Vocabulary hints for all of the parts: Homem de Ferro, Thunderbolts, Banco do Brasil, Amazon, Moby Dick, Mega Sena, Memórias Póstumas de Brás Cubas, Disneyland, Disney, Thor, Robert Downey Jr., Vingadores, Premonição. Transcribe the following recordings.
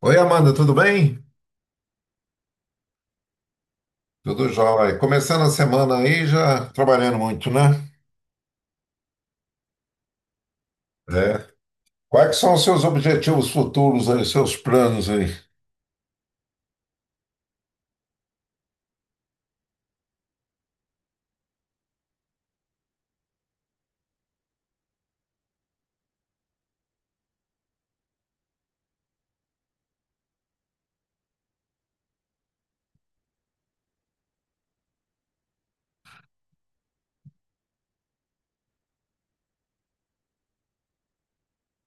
Oi, Amanda, tudo bem? Tudo jóia. Começando a semana aí, já trabalhando muito, né? É. Quais que são os seus objetivos futuros aí, seus planos aí?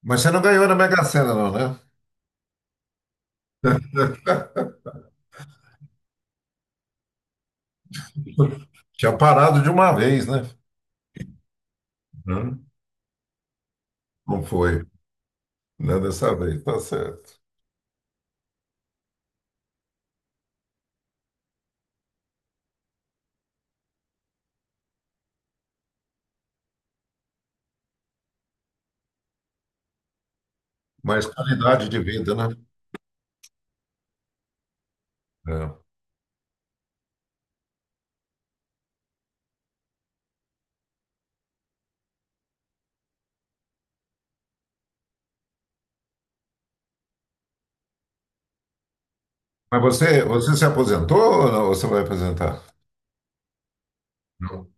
Mas você não ganhou na Mega Sena, não, né? Tinha parado de uma vez, né? Hum. Não foi, né? Dessa vez, tá certo. Mas qualidade de vida, né? É. Mas você se aposentou ou não? Ou você vai aposentar? Não.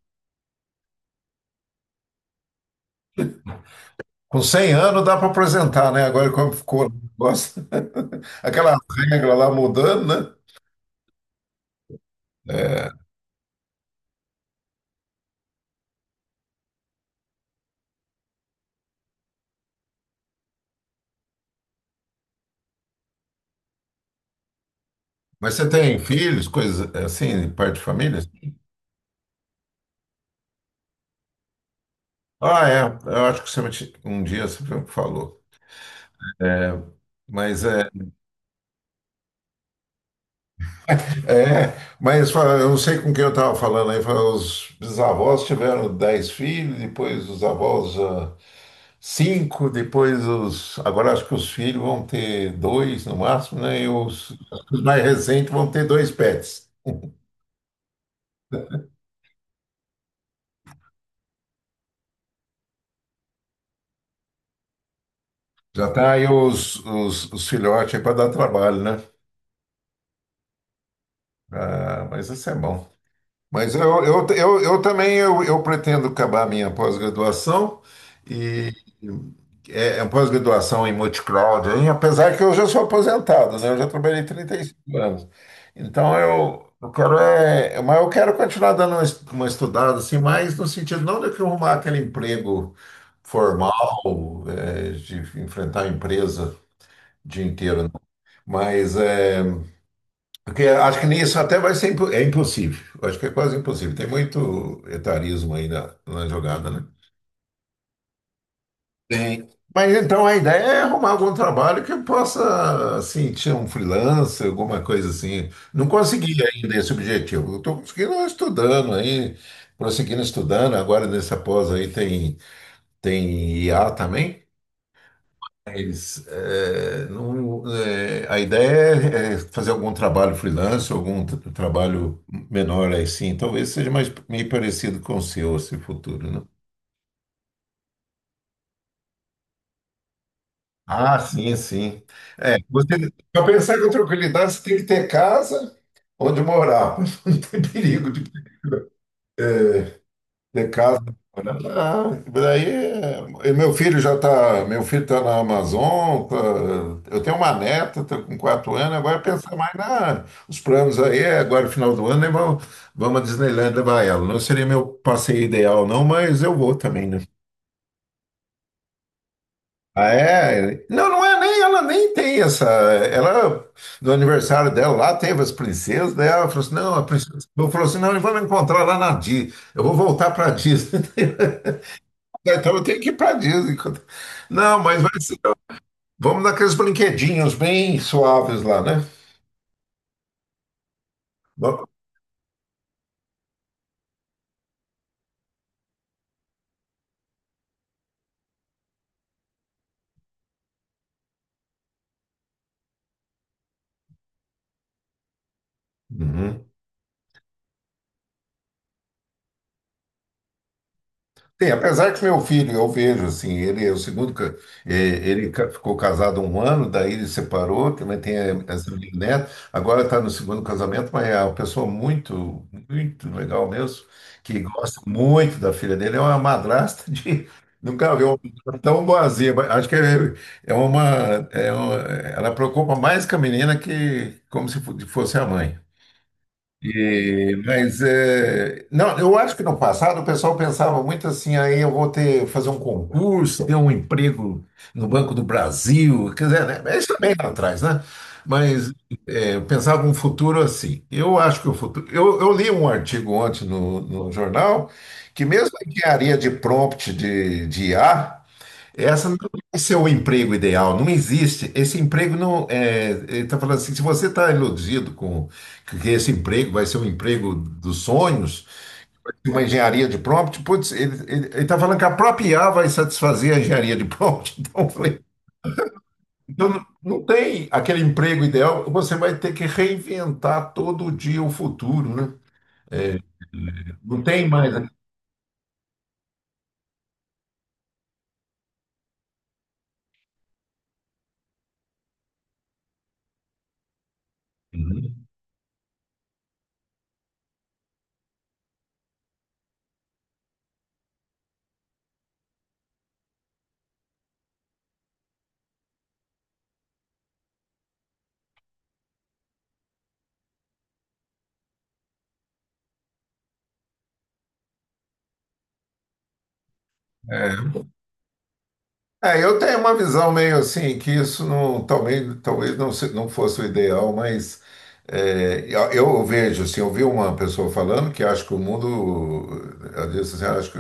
Com 100 anos dá para aposentar, né? Agora como ficou o negócio, aquela regra lá mudando, né? Mas você tem filhos, coisas assim, de parte de família? Ah, é. Eu acho que um dia você falou. É, mas é, é, mas fala, eu não sei com quem eu estava falando aí. Fala, os bisavós tiveram 10 filhos, depois os avós cinco, depois os. Agora acho que os filhos vão ter dois no máximo, né? E os mais recentes vão ter dois pets. Já tá aí os filhotes aí para dar trabalho, né? Ah, mas isso é bom. Mas eu também eu pretendo acabar a minha pós-graduação e é pós-graduação em multicloud, hein? Apesar que eu já sou aposentado, né? Eu já trabalhei 35 anos. Então eu quero é, mas eu quero continuar dando uma estudada assim, mais no sentido não de que eu arrumar aquele emprego formal, é, de enfrentar a empresa o dia inteiro, né? Mas é porque acho que nisso até vai é impossível. Acho que é quase impossível. Tem muito etarismo aí na jogada, né? Tem. Mas então a ideia é arrumar algum trabalho que eu possa, assim, tirar um freelancer, alguma coisa assim. Não consegui ainda esse objetivo. Eu estou conseguindo estudando aí, prosseguindo estudando. Agora nessa pós aí tem IA também. Mas, é, não, é, a ideia é fazer algum trabalho freelance, trabalho menor aí sim. Talvez seja mais meio parecido com o seu, esse futuro, né? Ah, sim, sim. Para pensar com tranquilidade, você tem que ter casa onde morar, para não ter perigo de casa. Ah, daí, é, e meu filho tá na Amazon, tá- eu tenho uma neta, tá com 4 anos, agora pensar mais os planos aí, é agora final do ano, né, vamos à Disneyland levar ela. Não seria meu passeio ideal não, mas eu vou também, né? Ah, é? Não, não é nem, ela nem tem essa, no aniversário dela lá, teve as princesas, daí ela falou assim, não, a princesa, eu falou assim, não, nós vamos encontrar lá na Disney, eu vou voltar para Disney. Então eu tenho que ir para Disney. Não, mas vai ser- vamos naqueles brinquedinhos bem suaves lá, né? Vamos. Uhum. Tem, apesar que meu filho, eu vejo assim, ele é o segundo, ficou casado um ano, daí ele separou, também tem essa minha neta, agora está no segundo casamento, mas é uma pessoa muito, muito legal mesmo, que gosta muito da filha dele, é uma madrasta de... Nunca vi uma madrasta tão boazinha, mas acho que é uma, é uma. Ela preocupa mais com a menina que como se fo- fosse a mãe. Mas é, não, eu acho que no passado o pessoal pensava muito assim, aí eu vou ter fazer um concurso, ter um emprego no Banco do Brasil, quer dizer, né? Mas isso também lá atrás, né? Mas é, eu pensava um futuro assim. Eu acho que o futuro. Eu li um artigo ontem no jornal que mesmo a engenharia de prompt de I a essa não é seu emprego ideal, não existe. Esse emprego não é. Ele está falando assim: se você está iludido com que esse emprego vai ser um emprego dos sonhos, uma engenharia de prompt, putz, ele está falando que a própria IA vai satisfazer a engenharia de prompt. Então, eu falei, então não tem aquele emprego ideal, você vai ter que reinventar todo dia o futuro, né? Não tem mais. É, eu tenho uma visão meio assim, que isso não, talvez, talvez não, não fosse o ideal, mas é, eu vejo, assim, eu vi uma pessoa falando que acho que o mundo, ela disse assim, "Ah, acho que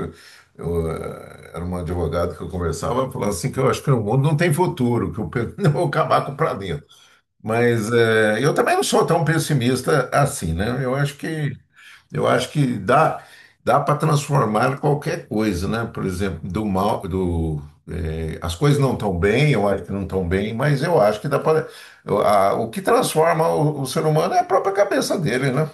era uma advogada que eu conversava, falando assim, que eu acho que o mundo não tem futuro, eu vou acabar com o planeta. Mas eu também não sou tão pessimista assim, né? Eu acho que dá para transformar qualquer coisa, né? Por exemplo, do mal, as coisas não estão bem, eu acho que não estão bem, mas eu acho que dá para. O que transforma o ser humano é a própria cabeça dele, né?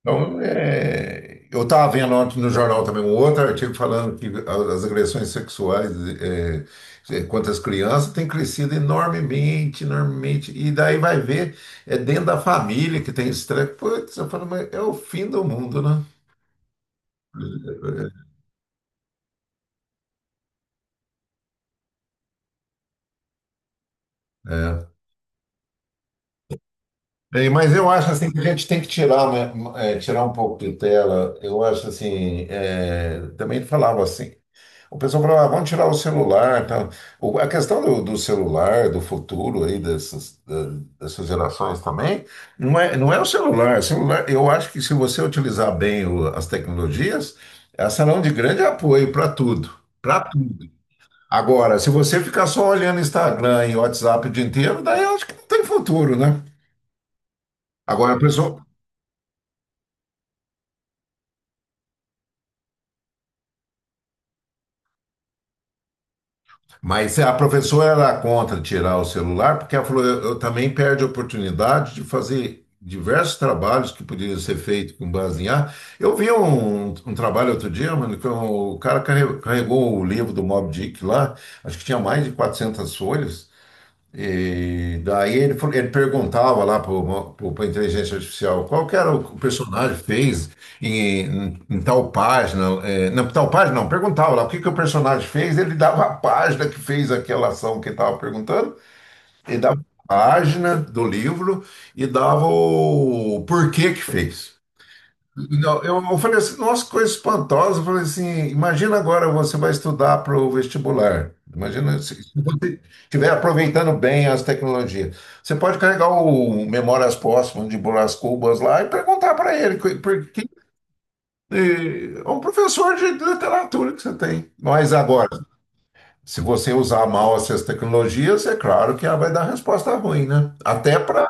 Então, eu estava vendo ontem no jornal também um outro artigo falando que as agressões sexuais eh, contra as crianças têm crescido enormemente, enormemente, e daí vai ver, é dentro da família que tem esse treco. Putz, eu falo, mas é o fim do mundo, né? É. Bem, mas eu acho assim que a gente tem que tirar, né, é, tirar um pouco de tela. Eu acho assim, é, também falava assim. O pessoal falava, ah, vamos tirar o celular, tá? A questão do celular, do futuro aí dessas, dessas gerações também, não é, não é o celular. O celular, eu acho que se você utilizar bem as tecnologias, elas serão de grande apoio para tudo, para tudo. Agora, se você ficar só olhando Instagram e WhatsApp o dia inteiro, daí eu acho que não tem futuro, né? Agora, mas a professora era contra tirar o celular, porque ela falou, eu também perde a oportunidade de fazer diversos trabalhos que poderiam ser feitos com base em ar. Eu vi um trabalho outro dia, mano, que o cara carregou o livro do Moby Dick lá, acho que tinha mais de 400 folhas. E daí ele perguntava lá para a inteligência artificial qual que era o que o personagem fez em tal página. Não, tal página não, perguntava lá o que, que o personagem fez, ele dava a página que fez aquela ação que ele estava perguntando, ele dava a página do livro e dava o porquê que fez. Não, eu falei assim, nossa, coisa espantosa. Eu falei assim, imagina agora você vai estudar para o vestibular. Imagina se você estiver aproveitando bem as tecnologias. Você pode carregar o Memórias Póstumas de Brás Cubas lá e perguntar para ele, porque é um professor de literatura que você tem. Mas agora, se você usar mal essas tecnologias, é claro que ela vai dar resposta ruim, né? Até para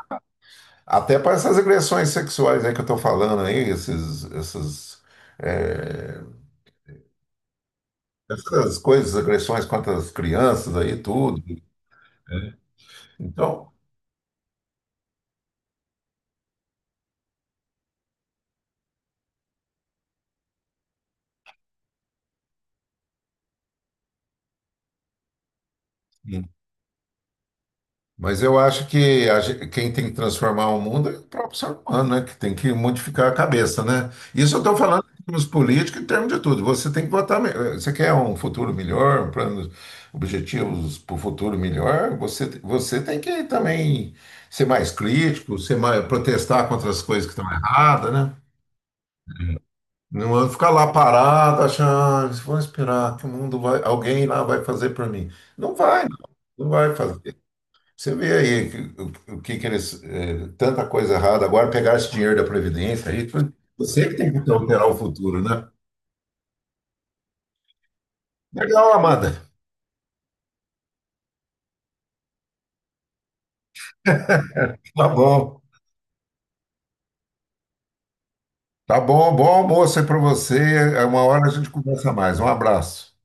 até para essas agressões sexuais aí que eu estou falando aí, é, essas coisas, agressões contra as crianças aí, tudo. Né? Então, mas eu acho que quem tem que transformar o mundo é o próprio ser humano, né? Que tem que modificar a cabeça, né? Isso eu estou falando em termos políticos, em termos de tudo. Você tem que votar. Você quer um futuro melhor, um plano, objetivos para o futuro melhor? Você tem que também ser mais crítico, ser mais, protestar contra as coisas que estão erradas, né? Não é ficar lá parado, achando, "Ah, vou esperar que o mundo vai, alguém lá vai fazer por mim. Não vai, não, não vai fazer. Você vê aí o que que eles, tanta coisa errada. Agora pegar esse dinheiro da Previdência aí, você que tem que alterar o futuro, né? Legal, Amanda. Tá bom. Tá bom, bom almoço aí para você. É. Uma hora a gente conversa mais. Um abraço.